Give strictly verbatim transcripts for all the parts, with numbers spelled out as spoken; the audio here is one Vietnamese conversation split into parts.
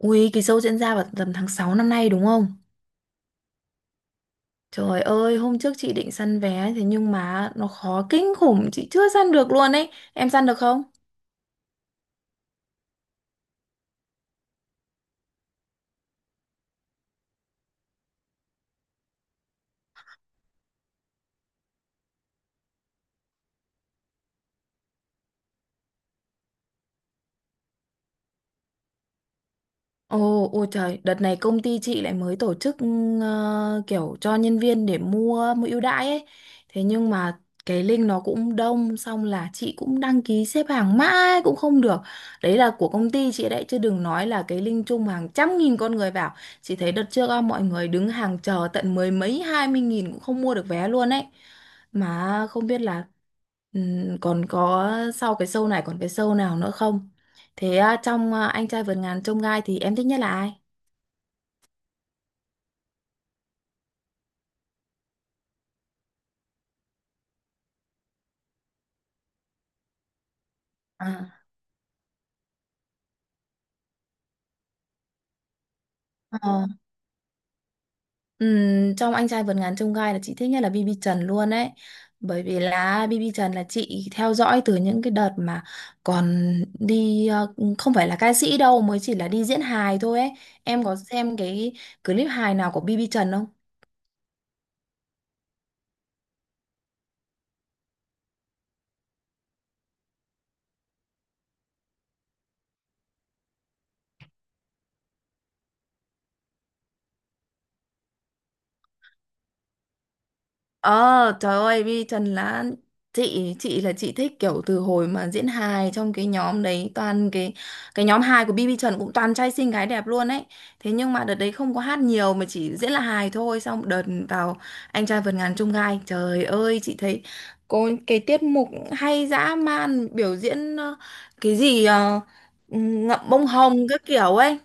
Ui, cái show diễn ra vào tầm tháng sáu năm nay đúng không? Trời ơi, hôm trước chị định săn vé thế nhưng mà nó khó kinh khủng, chị chưa săn được luôn ấy. Em săn được không? Ồ, ôi trời, đợt này công ty chị lại mới tổ chức ờ, kiểu cho nhân viên để mua mua ưu đãi ấy. Thế nhưng mà cái link nó cũng đông, xong là chị cũng đăng ký xếp hàng mãi cũng không được. Đấy là của công ty chị đấy, chứ đừng nói là cái link chung hàng trăm nghìn con người vào. Chị thấy đợt trước á, mọi người đứng hàng chờ tận mười mấy hai mươi nghìn cũng không mua được vé luôn ấy. Mà không biết là ừm, còn có sau cái show này còn cái show nào nữa không? Thế à, trong à, anh trai vượt ngàn chông gai thì em thích nhất là ai? À. Ờ. Ừm, trong anh trai vượt ngàn chông gai là chị thích nhất là bi bi Trần luôn ấy. Bởi vì là bi bi Trần là chị theo dõi từ những cái đợt mà còn đi, ờ, không phải là ca sĩ đâu, mới chỉ là đi diễn hài thôi ấy. Em có xem cái clip hài nào của bê bê Trần không? Ờ, trời ơi, Vi Trần là chị chị là chị thích kiểu từ hồi mà diễn hài trong cái nhóm đấy, toàn cái cái nhóm hài của bê bê Trần cũng toàn trai xinh gái đẹp luôn ấy. Thế nhưng mà đợt đấy không có hát nhiều mà chỉ diễn là hài thôi, xong đợt vào anh trai vượt ngàn chông gai. Trời ơi, chị thấy có cái tiết mục hay dã man, biểu diễn ờ, cái gì ờ, ngậm bông hồng các kiểu ấy,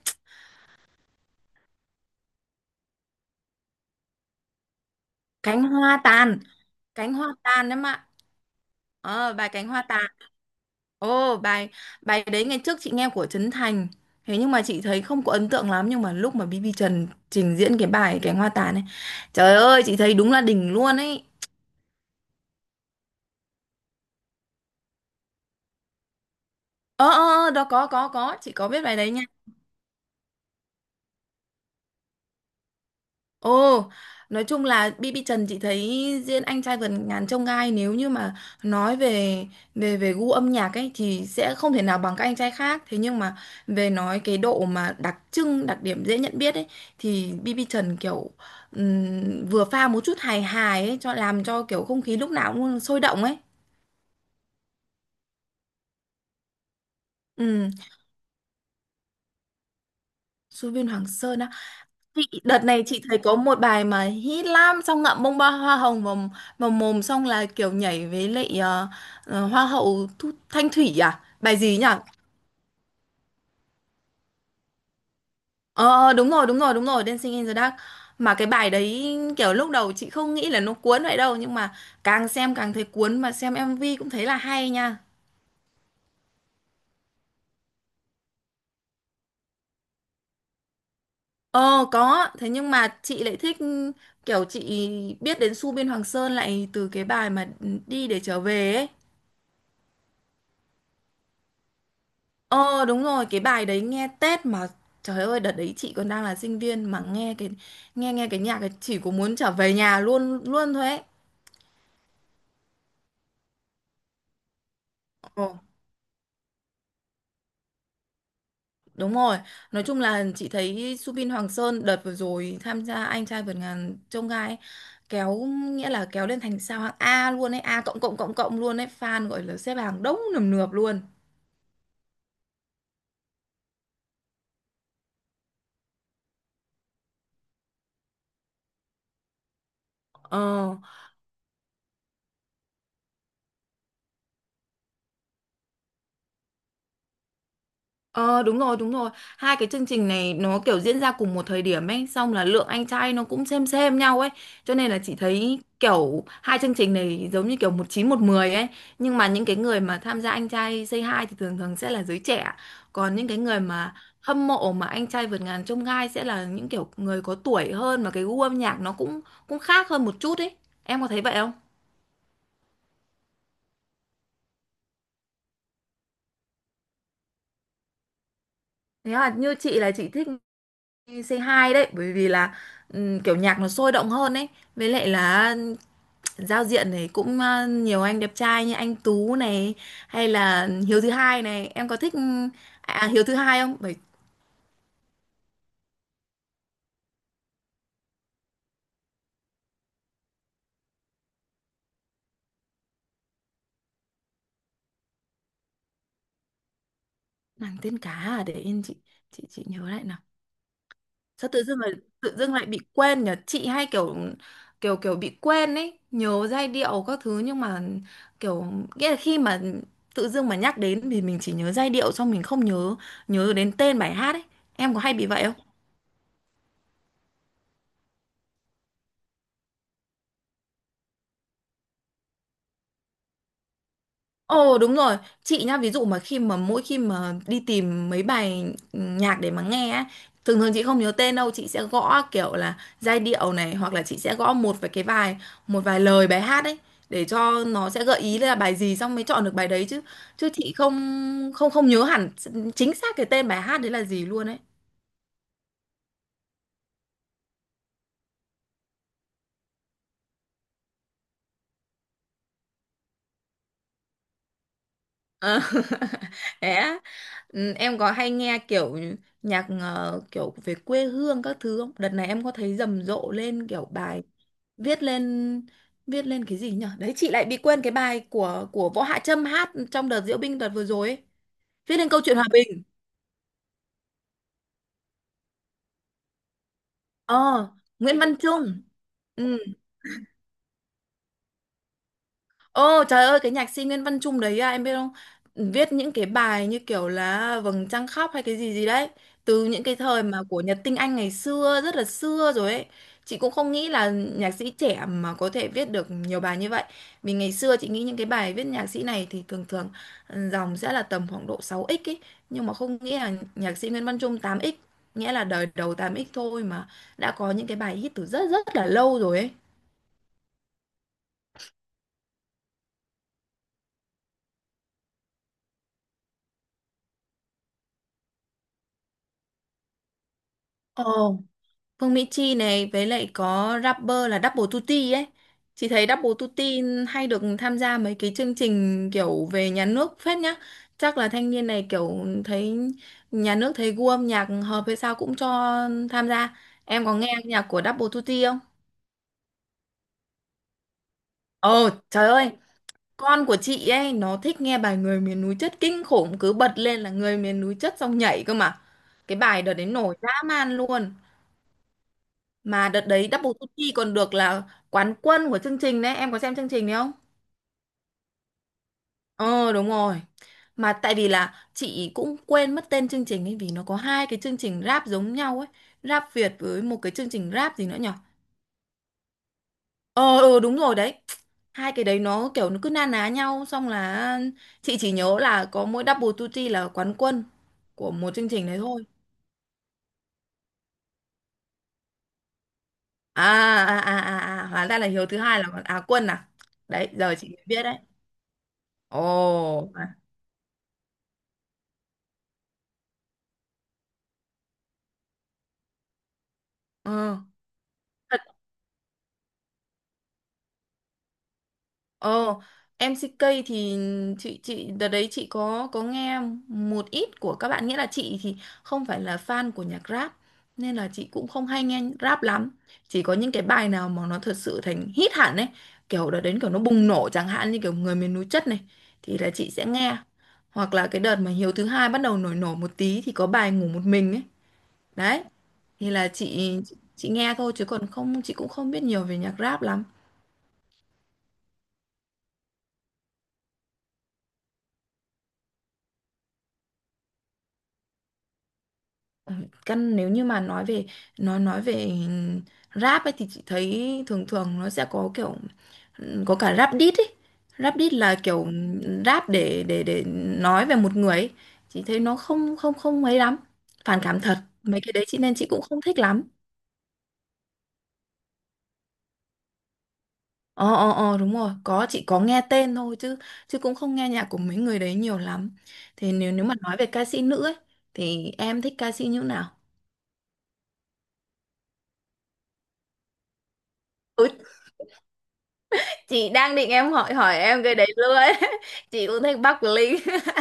cánh hoa tàn, cánh hoa tàn Đấy mà. Ờ, bài cánh hoa tàn. Ồ, bài bài đấy ngày trước chị nghe của Trấn Thành. Thế nhưng mà chị thấy không có ấn tượng lắm, nhưng mà lúc mà bi bi Trần trình diễn cái bài cánh hoa tàn này, trời ơi, chị thấy đúng là đỉnh luôn ấy. Ờ ờ ờ, đó có có có, chị có biết bài đấy nha. Ồ, nói chung là bê bê Trần chị thấy diễn anh trai vượt ngàn chông gai, nếu như mà nói về về về gu âm nhạc ấy thì sẽ không thể nào bằng các anh trai khác. Thế nhưng mà về nói cái độ mà đặc trưng, đặc điểm dễ nhận biết ấy thì bi bi Trần kiểu ừm, vừa pha một chút hài hài ấy, cho làm cho kiểu không khí lúc nào cũng sôi động ấy. Ừ, Xuân Viên Hoàng Sơn á. Chị, đợt này chị thấy có một bài mà hit lắm, xong ngậm bông ba hoa hồng vào, vào mồm, xong là kiểu nhảy với lại ờ, ờ, hoa hậu Thu, Thanh Thủy, à bài gì nhỉ. ờ ờ, Đúng rồi, đúng rồi, đúng rồi, Dancing in the Dark. Mà cái bài đấy kiểu lúc đầu chị không nghĩ là nó cuốn vậy đâu, nhưng mà càng xem càng thấy cuốn, mà xem em vê cũng thấy là hay nha. Ờ, có. Thế nhưng mà chị lại thích kiểu chị biết đến Su Biên Hoàng Sơn lại từ cái bài mà đi để trở về ấy. Ờ đúng rồi, cái bài đấy nghe Tết mà trời ơi, đợt đấy chị còn đang là sinh viên mà nghe cái nghe nghe cái nhạc ấy chỉ có muốn trở về nhà luôn luôn thôi ấy. Ờ, đúng rồi. Nói chung là chị thấy Subin Hoàng Sơn đợt vừa rồi tham gia anh trai vượt ngàn chông gai ấy, kéo nghĩa là kéo lên thành sao hạng A luôn ấy, A cộng cộng cộng cộng luôn ấy, fan gọi là xếp hàng đông nườm nượp luôn. Ờ. Ờ đúng rồi, đúng rồi. Hai cái chương trình này nó kiểu diễn ra cùng một thời điểm ấy. Xong là lượng anh trai nó cũng xem xem nhau ấy. Cho nên là chị thấy kiểu hai chương trình này giống như kiểu một chín một mười ấy. Nhưng mà những cái người mà tham gia anh trai Say Hi thì thường thường sẽ là giới trẻ. Còn những cái người mà hâm mộ mà anh trai vượt ngàn chông gai sẽ là những kiểu người có tuổi hơn, mà cái gu âm nhạc nó cũng cũng khác hơn một chút ấy. Em có thấy vậy không? Thế là như chị là chị thích c hai đấy, bởi vì là ừm, kiểu nhạc nó sôi động hơn ấy, với lại là giao diện này cũng ờ, nhiều anh đẹp trai, như anh Tú này, hay là Hiếu thứ hai này. Em có thích ừm, à, à, Hiếu thứ hai không? Bởi nàng tiên cá à, để yên chị, chị chị nhớ lại nào. Sao tự dưng lại tự dưng lại bị quên nhỉ? Chị hay kiểu kiểu kiểu bị quên ấy, nhớ giai điệu các thứ nhưng mà kiểu, nghĩa là khi mà tự dưng mà nhắc đến thì mình chỉ nhớ giai điệu xong mình không nhớ nhớ đến tên bài hát ấy. Em có hay bị vậy không? Ồ, đúng rồi, chị nhá, ví dụ mà khi mà mỗi khi mà đi tìm mấy bài nhạc để mà nghe á, thường thường chị không nhớ tên đâu, chị sẽ gõ kiểu là giai điệu này, hoặc là chị sẽ gõ một vài cái vài một vài lời bài hát ấy để cho nó sẽ gợi ý là bài gì, xong mới chọn được bài đấy chứ. Chứ chị không không không nhớ hẳn chính xác cái tên bài hát đấy là gì luôn ấy. Ờ, thế á. Ừ, em có hay nghe kiểu nhạc ờ, kiểu về quê hương các thứ không? Đợt này em có thấy rầm rộ lên kiểu bài viết lên, viết lên cái gì nhỉ? Đấy, chị lại bị quên cái bài của của Võ Hạ Trâm hát trong đợt diễu binh đợt vừa rồi ấy. Viết lên câu chuyện hòa bình. Ờ, Nguyễn Văn Trung. Ừ. Ồ trời ơi, cái nhạc sĩ Nguyễn Văn Trung đấy à, em biết không, viết những cái bài như kiểu là Vầng Trăng Khóc hay cái gì gì đấy, từ những cái thời mà của Nhật Tinh Anh ngày xưa, rất là xưa rồi ấy. Chị cũng không nghĩ là nhạc sĩ trẻ mà có thể viết được nhiều bài như vậy, vì ngày xưa chị nghĩ những cái bài viết nhạc sĩ này thì thường thường, ừ, dòng sẽ là tầm khoảng độ sáu ích ấy, nhưng mà không nghĩ là nhạc sĩ Nguyễn Văn Trung tám ích, nghĩa là đời đầu tám ích thôi mà đã có những cái bài hit từ rất rất là lâu rồi ấy. Ồ, Phương Mỹ Chi này với lại có rapper là Double Tutti ấy. Chị thấy Double Tutti hay được tham gia mấy cái chương trình kiểu về nhà nước phết nhá. Chắc là thanh niên này kiểu thấy nhà nước thấy gu âm nhạc hợp hay sao cũng cho tham gia. Em có nghe nhạc của Double Tutti không? Ồ trời ơi, con của chị ấy nó thích nghe bài Người miền núi chất kinh khủng, cứ bật lên là Người miền núi chất xong nhảy cơ mà. Cái bài đợt đấy nổi dã man luôn. Mà đợt đấy Double Duty còn được là quán quân của chương trình đấy, em có xem chương trình đấy không? Ờ đúng rồi. Mà tại vì là chị cũng quên mất tên chương trình ấy, vì nó có hai cái chương trình rap giống nhau ấy, rap Việt với một cái chương trình rap gì nữa nhở. Ờ ừ, đúng rồi đấy. Hai cái đấy nó kiểu nó cứ na ná nhau, xong là chị chỉ nhớ là có mỗi Double Duty là quán quân của một chương trình đấy thôi. À à à à à, hóa ra là Hiếu thứ hai là Á quân à? Đấy, giờ chị mới biết đấy. Ồ. À. Ừ. Ờ, em xê ca thì chị chị đợt đấy chị có có nghe một ít của các bạn, nghĩa là chị thì không phải là fan của nhạc rap nên là chị cũng không hay nghe rap lắm. Chỉ có những cái bài nào mà nó thật sự thành hit hẳn ấy, kiểu đợt đến kiểu nó bùng nổ, chẳng hạn như kiểu người miền núi chất này, thì là chị sẽ nghe. Hoặc là cái đợt mà Hiếu thứ hai bắt đầu nổi nổi một tí thì có bài ngủ một mình ấy. Đấy. Thì là chị chị nghe thôi chứ còn không chị cũng không biết nhiều về nhạc rap lắm. Căn nếu như mà nói về nói nói về rap ấy thì chị thấy thường thường nó sẽ có kiểu, có cả rap diss ấy. Rap diss là kiểu rap để để để nói về một người ấy. Chị thấy nó không không không mấy lắm, phản cảm thật, mấy cái đấy chị, nên chị cũng không thích lắm. Ờ ờ ờ, đúng rồi, có, chị có nghe tên thôi chứ, chứ cũng không nghe nhạc của mấy người đấy nhiều lắm. Thì nếu nếu mà nói về ca sĩ nữ ấy thì em thích ca sĩ như nào? Ừ, chị đang định em hỏi hỏi em cái đấy luôn ấy. Chị cũng thích Bắc Linh.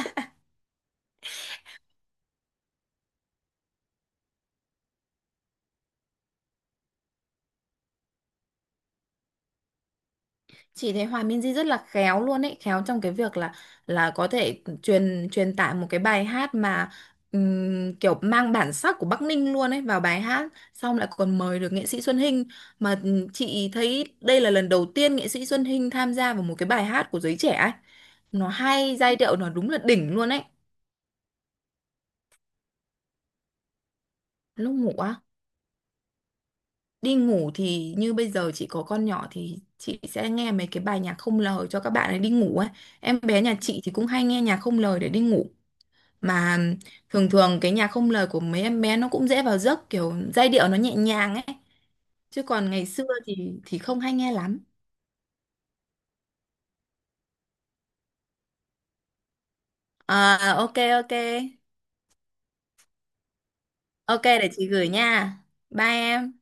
Chị thấy Hòa Minzy rất là khéo luôn ấy, khéo trong cái việc là là có thể truyền truyền tải một cái bài hát mà ừm, kiểu mang bản sắc của Bắc Ninh luôn ấy vào bài hát, xong lại còn mời được nghệ sĩ Xuân Hinh, mà ừm, chị thấy đây là lần đầu tiên nghệ sĩ Xuân Hinh tham gia vào một cái bài hát của giới trẻ ấy, nó hay, giai điệu nó đúng là đỉnh luôn ấy. Lúc ngủ á? Đi ngủ thì như bây giờ chị có con nhỏ thì chị sẽ nghe mấy cái bài nhạc không lời cho các bạn ấy đi ngủ ấy. Em bé nhà chị thì cũng hay nghe nhạc không lời để đi ngủ. Mà thường thường cái nhạc không lời của mấy em bé nó cũng dễ vào giấc, kiểu giai điệu nó nhẹ nhàng ấy. Chứ còn ngày xưa thì thì không hay nghe lắm. À, ok, ok. Ok, để chị gửi nha. Bye em.